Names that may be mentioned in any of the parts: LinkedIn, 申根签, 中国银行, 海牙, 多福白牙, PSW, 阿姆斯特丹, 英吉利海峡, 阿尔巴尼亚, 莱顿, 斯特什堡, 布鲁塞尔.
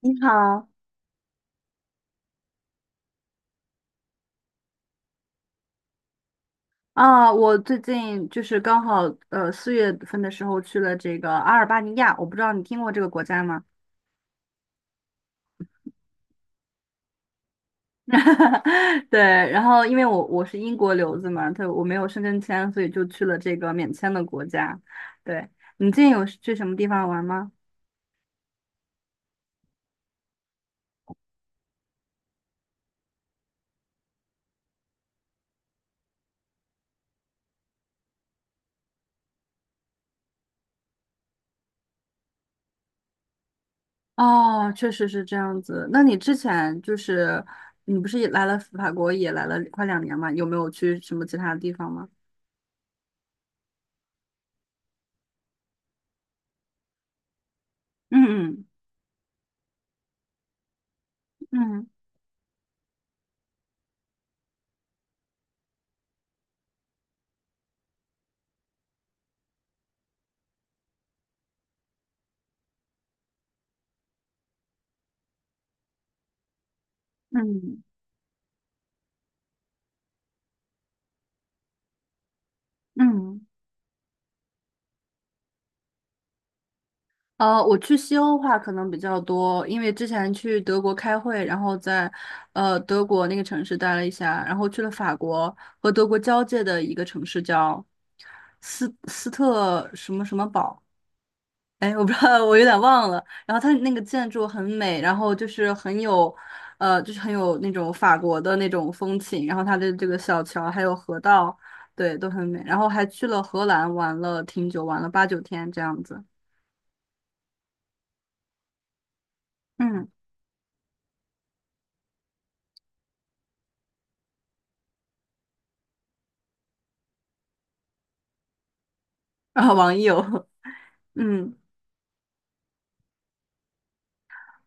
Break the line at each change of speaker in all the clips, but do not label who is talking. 你好啊，我最近就是刚好四月份的时候去了这个阿尔巴尼亚，我不知道你听过这个国家吗？对，然后因为我是英国留子嘛，他我没有申根签，所以就去了这个免签的国家。对，你最近有去什么地方玩吗？哦，确实是这样子。那你之前就是你不是也来了法国，也来了快两年嘛？有没有去什么其他的地方吗？嗯嗯嗯嗯嗯。我去西欧的话可能比较多，因为之前去德国开会，然后在德国那个城市待了一下，然后去了法国和德国交界的一个城市叫斯特什么什么堡，哎，我不知道，我有点忘了。然后它那个建筑很美，然后就是很有，就是很有那种法国的那种风情，然后它的这个小桥还有河道，对，都很美。然后还去了荷兰玩了挺久，玩了八九天这样子。嗯，啊，网友。嗯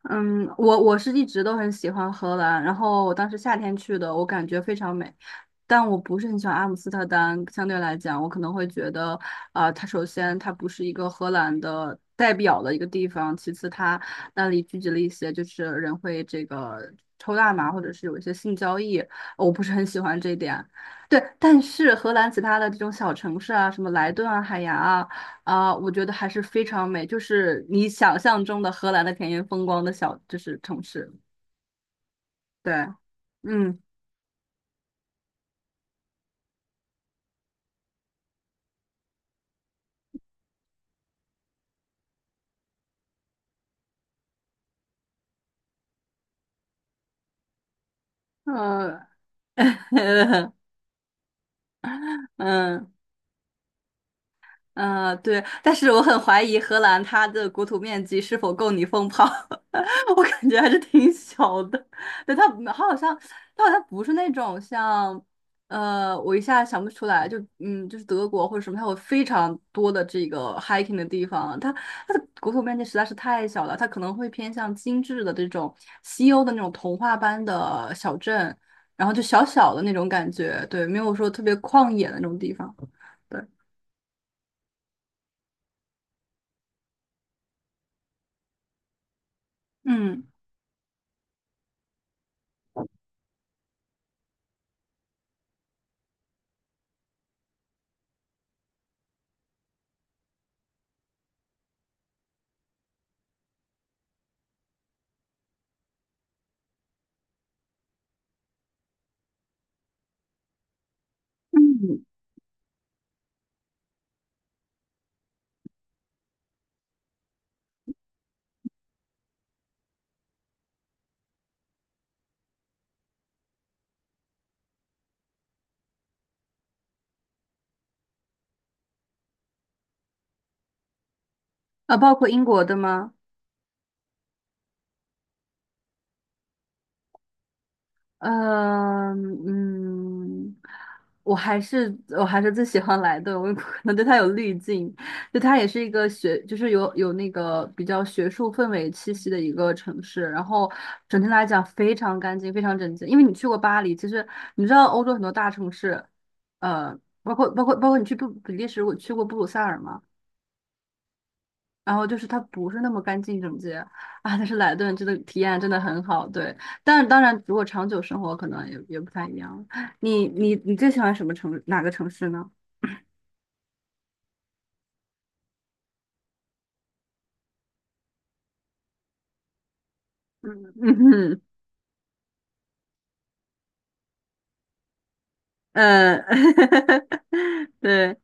嗯，我是一直都很喜欢荷兰，然后我当时夏天去的，我感觉非常美，但我不是很喜欢阿姆斯特丹。相对来讲，我可能会觉得，啊、它首先它不是一个荷兰的代表的一个地方，其次它那里聚集了一些就是人会这个抽大麻或者是有一些性交易，我不是很喜欢这一点。对，但是荷兰其他的这种小城市啊，什么莱顿啊、海牙啊。啊，我觉得还是非常美，就是你想象中的荷兰的田园风光的小，就是城市。对，嗯，呃，嗯。嗯，对，但是我很怀疑荷兰它的国土面积是否够你疯跑，我感觉还是挺小的。对，它好像它好像不是那种像，我一下想不出来，就嗯，就是德国或者什么，它有非常多的这个 hiking 的地方，它它的国土面积实在是太小了，它可能会偏向精致的这种西欧的那种童话般的小镇，然后就小小的那种感觉，对，没有说特别旷野的那种地方，对，嗯。嗯，啊，包括英国的吗？呃，嗯，我还是我还是最喜欢莱顿，我可能对它有滤镜，就它也是一个学，就是有那个比较学术氛围气息的一个城市，然后整体来讲非常干净，非常整洁。因为你去过巴黎，其实你知道欧洲很多大城市，包括你去布比利时，我去过布鲁塞尔吗？然后就是它不是那么干净整洁啊，但是莱顿真的体验真的很好，对。但当然，如果长久生活，可能也不太一样。你最喜欢什么城哪个城市呢？嗯嗯嗯，对，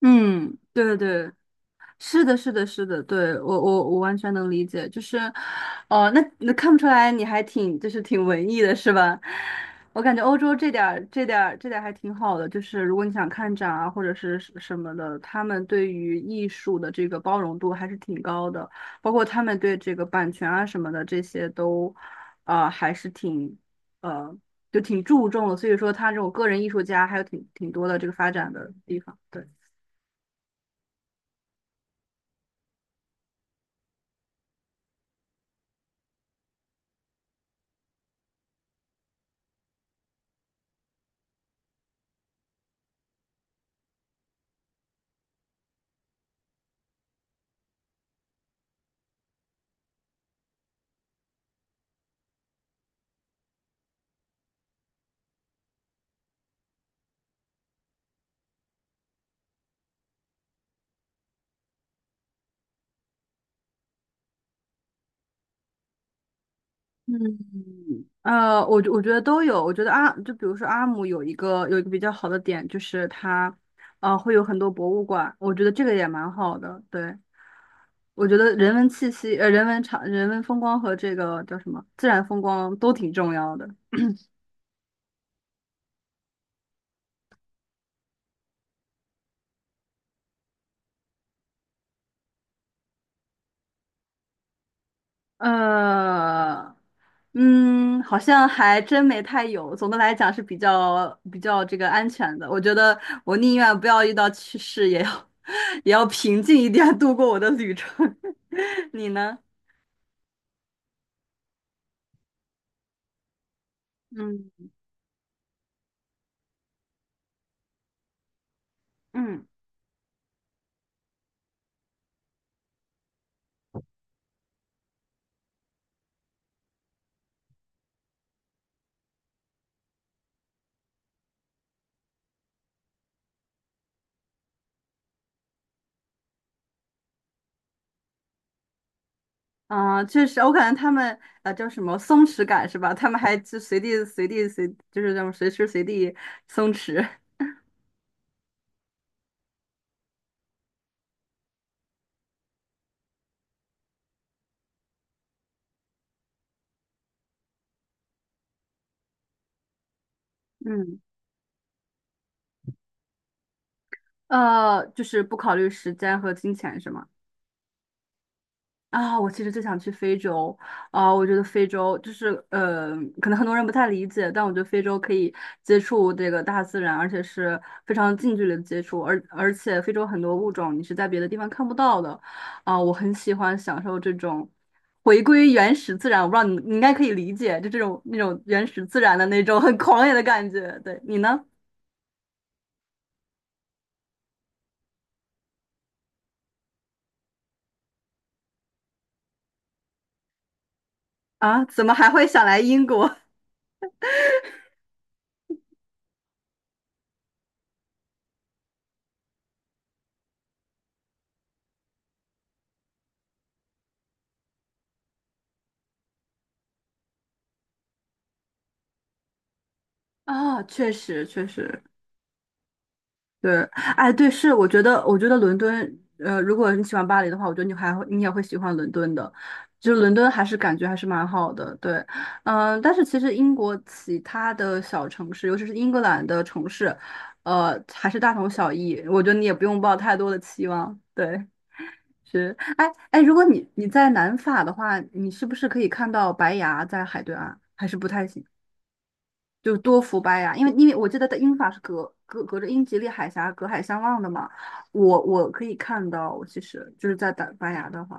嗯，对对对，是的，是的，是的，对，我完全能理解，就是，哦，那那看不出来你还挺就是挺文艺的是吧？我感觉欧洲这点儿还挺好的，就是如果你想看展啊或者是什么的，他们对于艺术的这个包容度还是挺高的，包括他们对这个版权啊什么的这些都，啊，还是挺呃就挺注重的，所以说他这种个人艺术家还有挺多的这个发展的地方，对。嗯。我我觉得都有。我觉得阿就比如说阿姆有一个比较好的点，就是它，会有很多博物馆。我觉得这个也蛮好的。对，我觉得人文气息、人文场、人文风光和这个叫什么自然风光都挺重要的。呃，嗯，好像还真没太有。总的来讲是比较这个安全的。我觉得我宁愿不要遇到趣事，也要 也要平静一点度过我的旅程。你呢？嗯。嗯，啊、确实，我感觉他们叫什么松弛感是吧？他们还就随地随地随，就是这种随时随地松弛。嗯，就是不考虑时间和金钱是吗？啊，我其实就想去非洲啊，我觉得非洲就是，可能很多人不太理解，但我觉得非洲可以接触这个大自然，而且是非常近距离的接触，而且非洲很多物种你是在别的地方看不到的，啊，我很喜欢享受这种回归原始自然，我不知道你应该可以理解，就这种那种原始自然的那种很狂野的感觉，对，你呢？啊，怎么还会想来英国？啊，确实，对，哎，对，是，我觉得伦敦，如果你喜欢巴黎的话，我觉得你也会喜欢伦敦的，就是伦敦还是感觉还是蛮好的，对，嗯、但是其实英国其他的小城市，尤其是英格兰的城市，还是大同小异，我觉得你也不用抱太多的期望，对，是，哎,如果你你在南法的话，你是不是可以看到白崖在海对岸，还是不太行？就多福白牙，因为我记得的英法是隔着英吉利海峡隔海相望的嘛，我我可以看到，我其实就是在打白牙的话，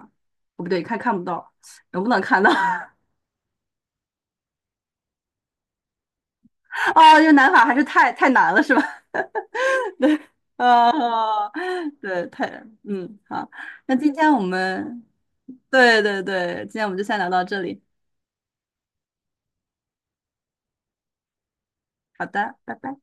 哦不对，看不到。能不能看到？哦，因为南法还是太难了，是吧？对，呃，对，太，嗯，好，那今天我们，对对对，今天我们就先聊到这里，好的，拜拜。